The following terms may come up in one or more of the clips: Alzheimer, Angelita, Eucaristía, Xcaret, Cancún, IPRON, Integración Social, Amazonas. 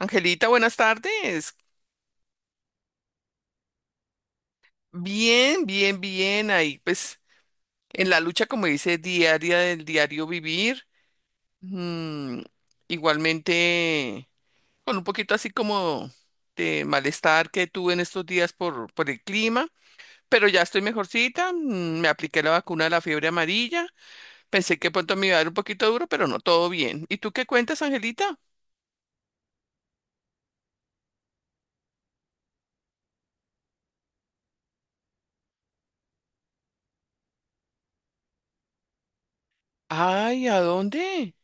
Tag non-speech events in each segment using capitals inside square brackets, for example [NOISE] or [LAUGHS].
Angelita, buenas tardes. Bien, bien, bien. Ahí, pues, en la lucha, como dice, diaria del diario vivir. Mm, igualmente, con un poquito así como de malestar que tuve en estos días por el clima, pero ya estoy mejorcita. Me apliqué la vacuna de la fiebre amarilla. Pensé que pronto me iba a dar un poquito duro, pero no, todo bien. ¿Y tú qué cuentas, Angelita? Ay, ¿a dónde?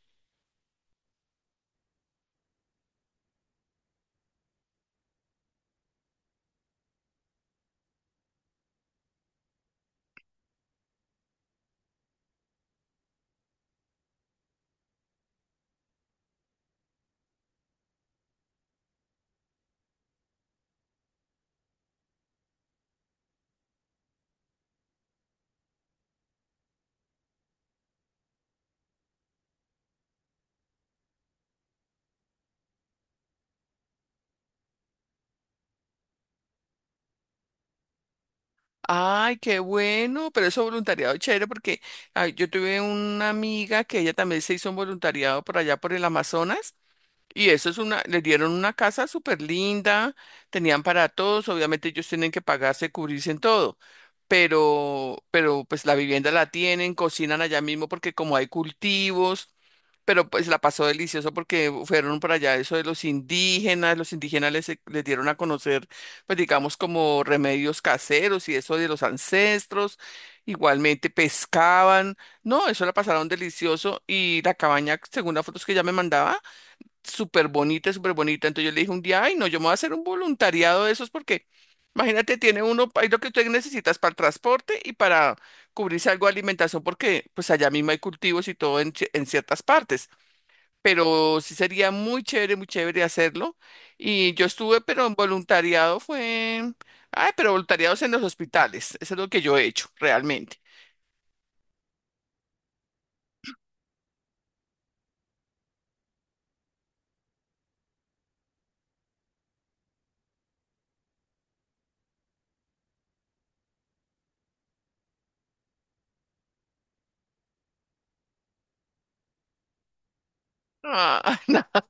Ay, qué bueno, pero eso voluntariado chévere porque ay, yo tuve una amiga que ella también se hizo un voluntariado por allá por el Amazonas y eso es una, le dieron una casa súper linda, tenían para todos, obviamente ellos tienen que pagarse, cubrirse en todo, pero pues la vivienda la tienen, cocinan allá mismo porque como hay cultivos, pero pues la pasó delicioso porque fueron para allá eso de los indígenas les dieron a conocer, pues digamos como remedios caseros y eso de los ancestros, igualmente pescaban, no, eso la pasaron delicioso y la cabaña, según las fotos que ella me mandaba, súper bonita, entonces yo le dije un día, ay no, yo me voy a hacer un voluntariado de esos porque... Imagínate, tiene uno, hay lo que tú necesitas para el transporte y para cubrirse algo de alimentación, porque pues allá mismo hay cultivos y todo en, en ciertas partes, pero sí sería muy chévere hacerlo. Y yo estuve, pero en voluntariado fue, ay, pero voluntariados en los hospitales, eso es lo que yo he hecho realmente. Ah, [LAUGHS]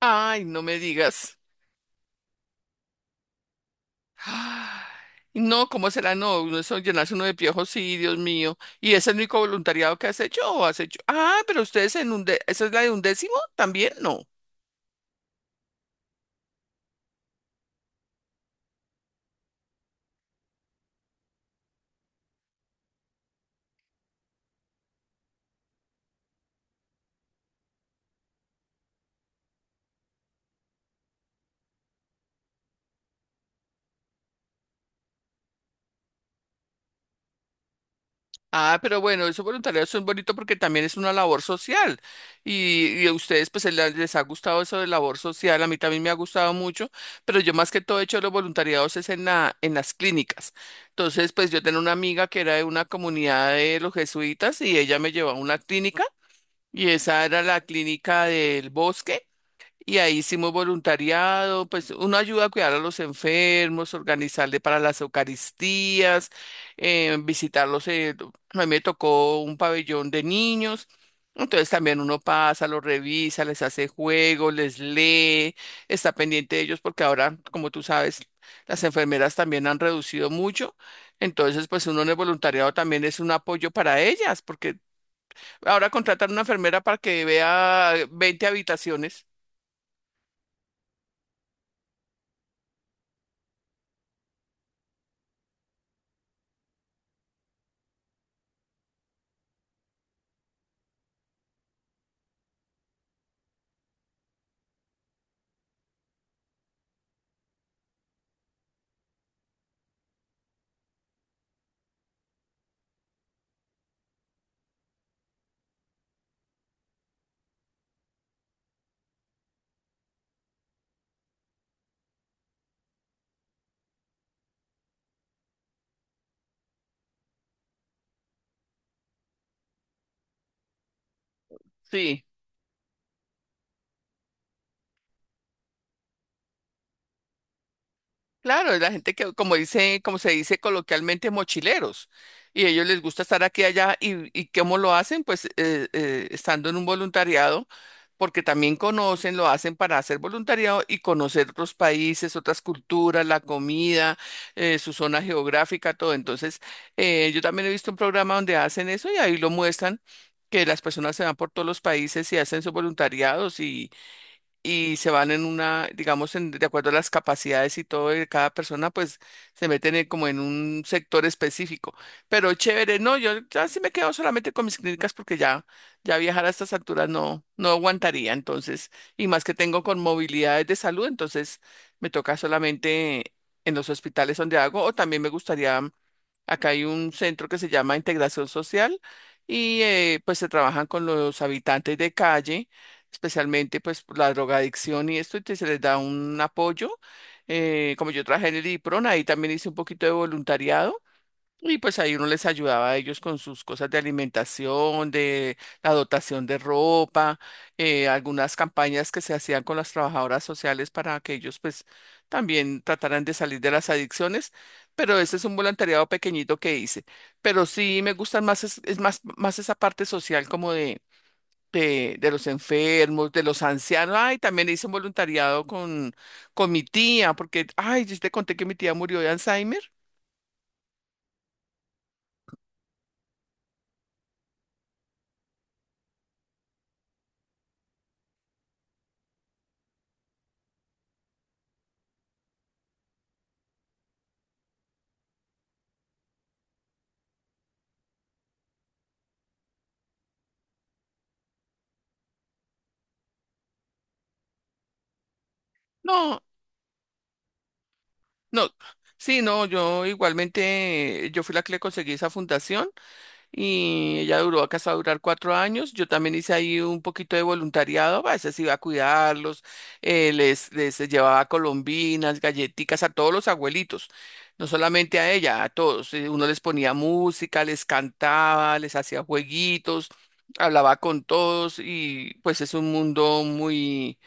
ay, no me digas. Ay, no, ¿cómo será? No, uno eso llenarse uno de piojos, sí, Dios mío. ¿Y ese es el único voluntariado que has hecho o has hecho? Ah, pero ustedes en un ¿esa es la de undécimo? ¿También? No. Ah, pero bueno, eso voluntariado eso es bonito porque también es una labor social y a ustedes pues les ha gustado eso de labor social, a mí también me ha gustado mucho, pero yo más que todo he hecho los voluntariados es en en las clínicas. Entonces pues yo tenía una amiga que era de una comunidad de los jesuitas y ella me llevó a una clínica y esa era la clínica del bosque. Y ahí hicimos voluntariado, pues uno ayuda a cuidar a los enfermos, organizarle para las Eucaristías, visitarlos. A mí me tocó un pabellón de niños, entonces también uno pasa, los revisa, les hace juegos, les lee, está pendiente de ellos porque ahora, como tú sabes, las enfermeras también han reducido mucho. Entonces, pues uno en el voluntariado también es un apoyo para ellas, porque ahora contratan una enfermera para que vea 20 habitaciones. Sí. Claro, es la gente que, como dice, como se dice coloquialmente, mochileros. Y ellos les gusta estar aquí y allá. Y cómo lo hacen? Pues estando en un voluntariado, porque también conocen, lo hacen para hacer voluntariado y conocer otros países, otras culturas, la comida, su zona geográfica, todo. Entonces, yo también he visto un programa donde hacen eso y ahí lo muestran, que las personas se van por todos los países y hacen sus voluntariados y se van en una, digamos, de acuerdo a las capacidades y todo de cada persona, pues se meten como en un sector específico. Pero chévere, no, yo ya sí me quedo solamente con mis clínicas porque ya, ya viajar a estas alturas no, no aguantaría, entonces, y más que tengo con movilidades de salud, entonces me toca solamente en los hospitales donde hago, o también me gustaría, acá hay un centro que se llama Integración Social. Y pues se trabajan con los habitantes de calle especialmente pues por la drogadicción y esto, y se les da un apoyo. Como yo trabajé en el IPRON, ahí también hice un poquito de voluntariado y pues ahí uno les ayudaba a ellos con sus cosas de alimentación, de la dotación de ropa, algunas campañas que se hacían con las trabajadoras sociales para que ellos pues también trataran de salir de las adicciones. Pero ese es un voluntariado pequeñito que hice. Pero sí me gustan más, es más, más esa parte social como de de los enfermos, de los ancianos. Ay, también hice un voluntariado con mi tía, porque, ay, yo te conté que mi tía murió de Alzheimer. No, no, sí, no, yo igualmente, yo fui la que le conseguí esa fundación y ella duró acá hasta durar 4 años. Yo también hice ahí un poquito de voluntariado, a veces iba a cuidarlos, les llevaba colombinas, galletitas a todos los abuelitos, no solamente a ella, a todos. Uno les ponía música, les cantaba, les hacía jueguitos, hablaba con todos y pues es un mundo muy,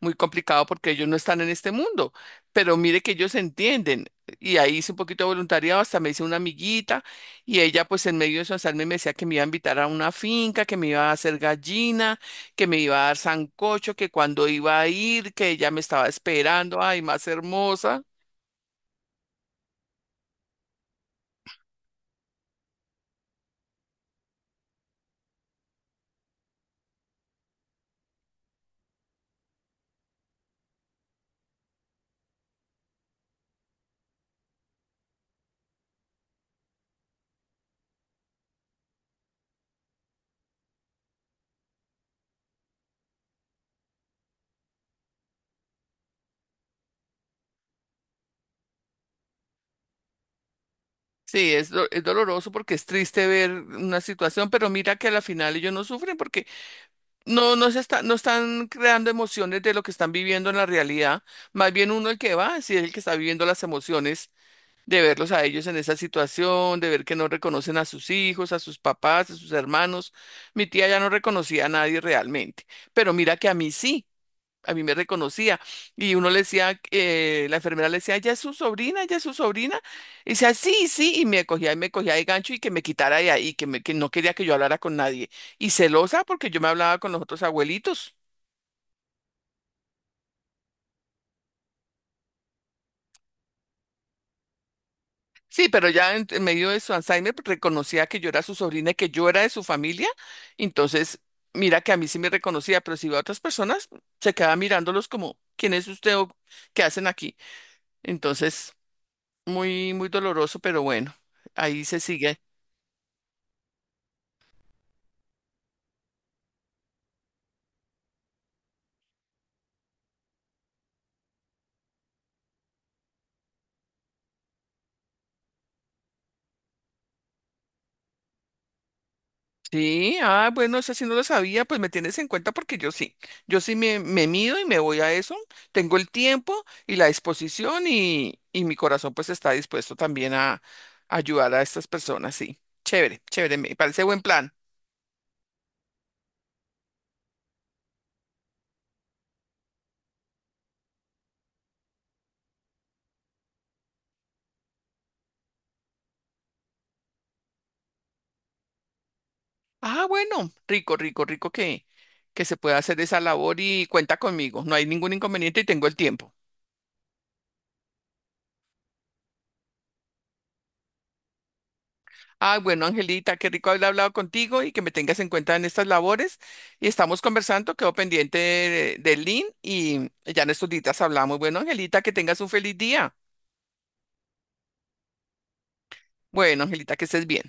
muy complicado porque ellos no están en este mundo, pero mire que ellos se entienden. Y ahí hice un poquito de voluntariado, hasta me hice una amiguita. Y ella pues en medio de su azar me decía que me iba a invitar a una finca, que me iba a hacer gallina, que me iba a dar sancocho, que cuando iba a ir, que ella me estaba esperando, ay, más hermosa. Sí, es doloroso porque es triste ver una situación, pero mira que a la final ellos no sufren porque no, no están creando emociones de lo que están viviendo en la realidad. Más bien uno el que va, sí es el que está viviendo las emociones de verlos a ellos en esa situación, de ver que no reconocen a sus hijos, a sus papás, a sus hermanos. Mi tía ya no reconocía a nadie realmente, pero mira que a mí sí, a mí me reconocía. Y uno le decía, la enfermera le decía, ya es su sobrina, ya es su sobrina. Y decía, sí, sí, y me cogía de gancho y que me quitara de ahí, que no quería que yo hablara con nadie. Y celosa porque yo me hablaba con los otros abuelitos. Sí, pero ya en medio de su Alzheimer pues, reconocía que yo era su sobrina y que yo era de su familia. Entonces, mira que a mí sí me reconocía, pero si iba a otras personas, se quedaba mirándolos como, ¿quién es usted o qué hacen aquí? Entonces, muy, muy doloroso, pero bueno, ahí se sigue. Sí, ah, bueno, eso sí no lo sabía, pues me tienes en cuenta porque yo sí, me mido y me voy a eso, tengo el tiempo y la disposición y mi corazón pues está dispuesto también a ayudar a estas personas, sí, chévere, chévere, me parece buen plan. Ah, bueno, rico, rico, rico que se pueda hacer esa labor y cuenta conmigo, no hay ningún inconveniente y tengo el tiempo. Ah, bueno, Angelita, qué rico haber hablado contigo y que me tengas en cuenta en estas labores. Y estamos conversando, quedo pendiente del link y ya en estos días hablamos. Bueno, Angelita, que tengas un feliz día. Bueno, Angelita, que estés bien.